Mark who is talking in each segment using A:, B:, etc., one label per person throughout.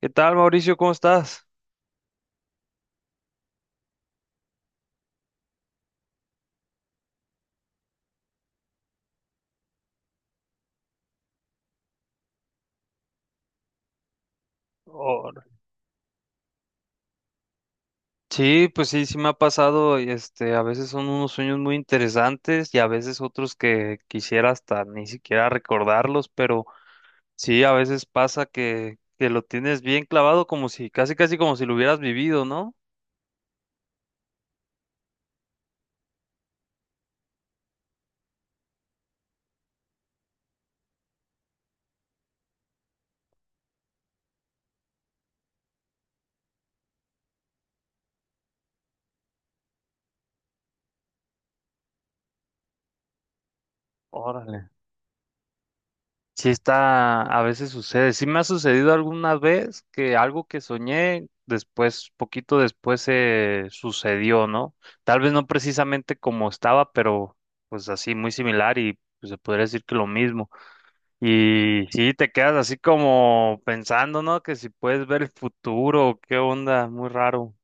A: ¿Qué tal, Mauricio? ¿Cómo estás? Oh, sí, pues sí, sí me ha pasado, y, a veces son unos sueños muy interesantes y a veces otros que quisiera hasta ni siquiera recordarlos, pero sí, a veces pasa que lo tienes bien clavado como si, casi casi como si lo hubieras vivido, ¿no? Órale. Sí está, a veces sucede. Sí me ha sucedido alguna vez que algo que soñé después, poquito después se sucedió, ¿no? Tal vez no precisamente como estaba, pero pues así muy similar y pues se podría decir que lo mismo. Y sí te quedas así como pensando, ¿no? Que si puedes ver el futuro, qué onda, muy raro.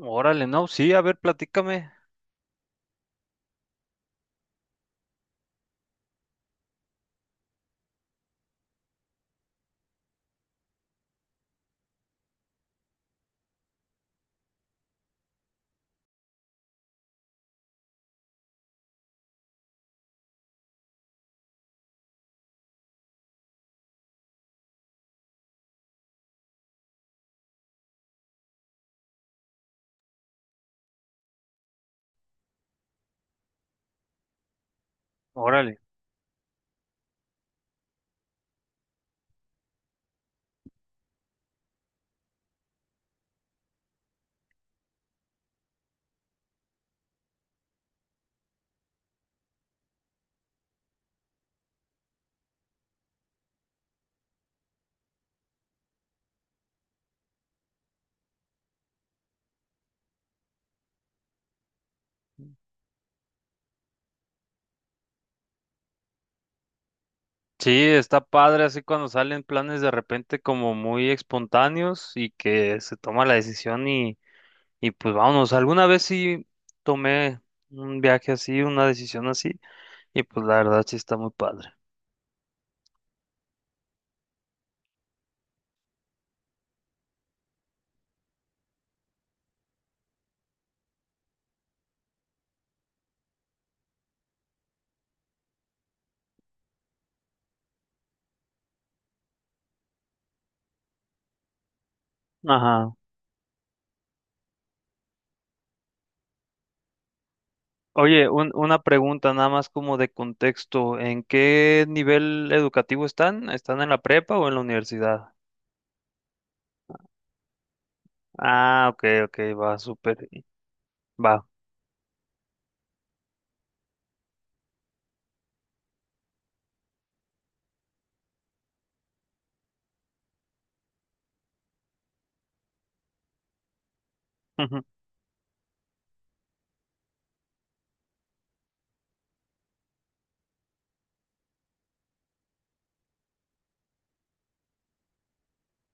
A: Órale, no, sí, a ver, platícame. Órale. Sí, está padre así cuando salen planes de repente como muy espontáneos y que se toma la decisión y pues vámonos. Alguna vez sí tomé un viaje así, una decisión así y pues la verdad sí está muy padre. Ajá. Oye, una pregunta nada más como de contexto. ¿En qué nivel educativo están? ¿Están en la prepa o en la universidad? Ah, ok, ok, va, súper. Va.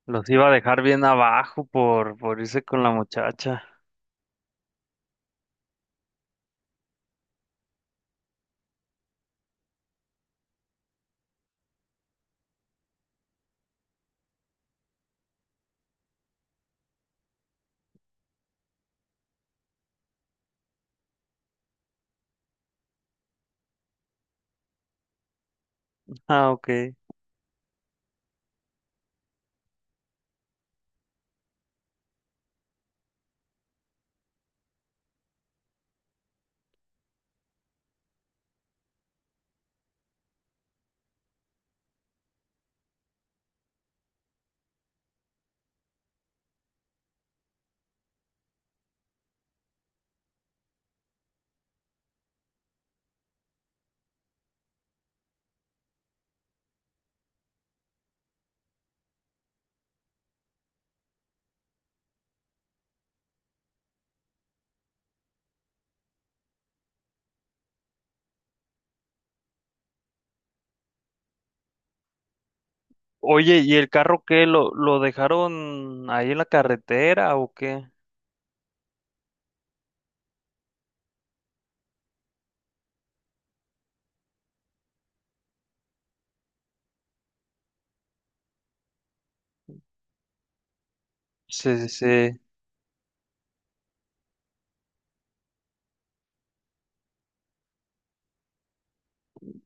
A: Los iba a dejar bien abajo por irse con la muchacha. Ah, ok. Oye, ¿y el carro qué? ¿Lo dejaron ahí en la carretera o qué? Sí, sí, sí.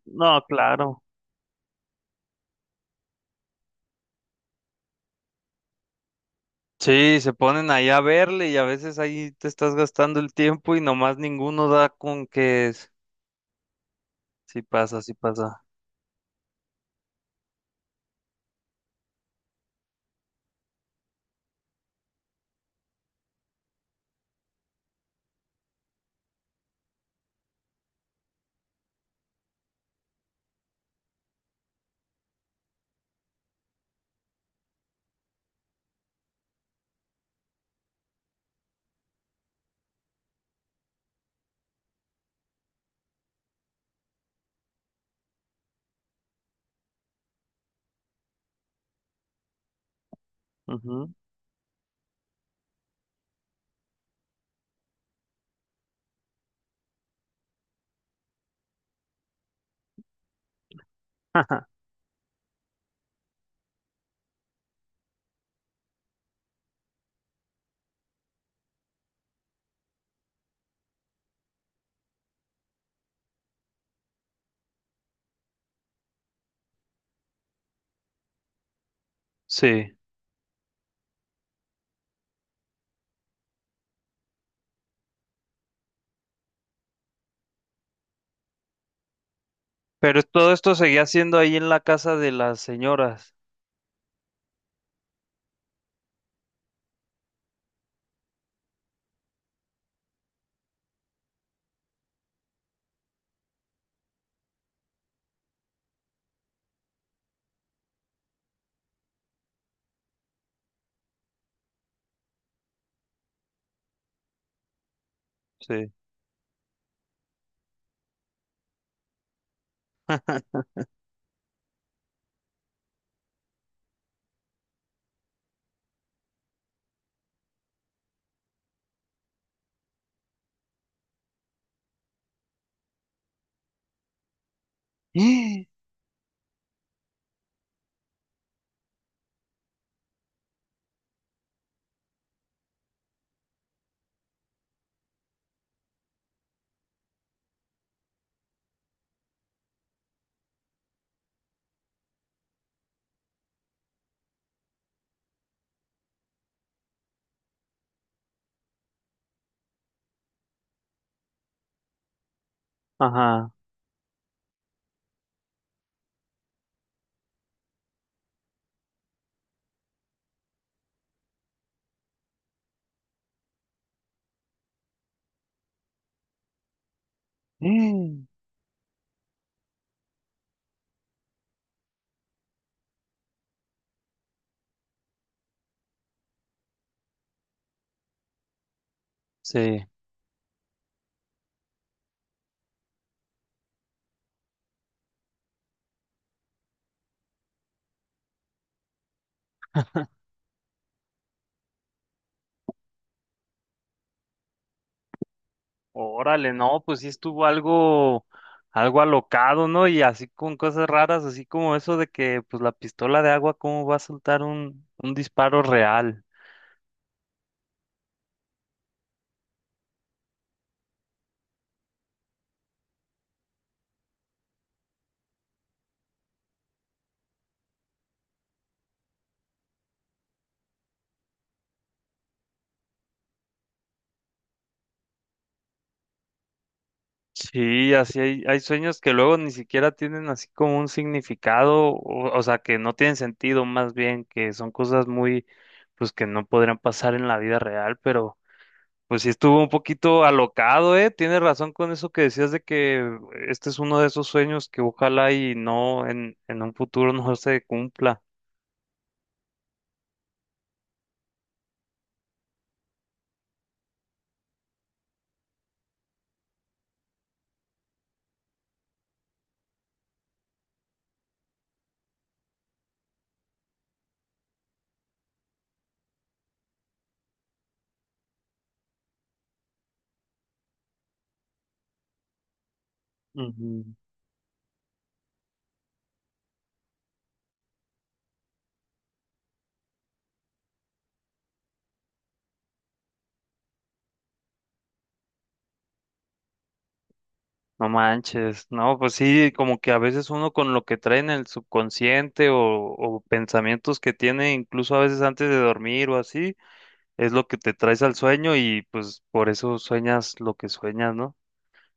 A: No, claro. Sí, se ponen ahí a verle y a veces ahí te estás gastando el tiempo y nomás ninguno da con que es. Sí pasa, sí pasa. Ujú. Sí. Pero todo esto seguía siendo ahí en la casa de las señoras. Sí. Ajá. Sí. Órale, no, pues sí estuvo algo, algo alocado, ¿no? Y así con cosas raras, así como eso de que, pues la pistola de agua, ¿cómo va a soltar un disparo real? Sí, así hay, hay sueños que luego ni siquiera tienen así como un significado, o sea, que no tienen sentido, más bien, que son cosas muy, pues que no podrían pasar en la vida real, pero pues sí estuvo un poquito alocado, ¿eh? Tienes razón con eso que decías de que este es uno de esos sueños que ojalá y no en un futuro no se cumpla. Ujú. No manches, no, pues sí, como que a veces uno con lo que trae en el subconsciente o pensamientos que tiene incluso a veces antes de dormir o así, es lo que te traes al sueño y pues por eso sueñas lo que sueñas, ¿no?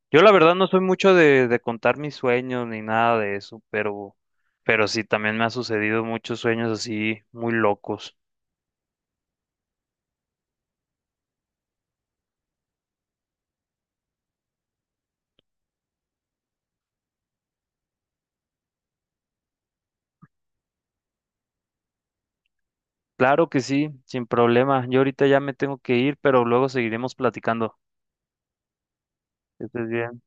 A: Yo la verdad no soy mucho de contar mis sueños ni nada de eso, pero sí, también me ha sucedido muchos sueños así muy locos. Claro que sí, sin problema. Yo ahorita ya me tengo que ir, pero luego seguiremos platicando. Que estés bien.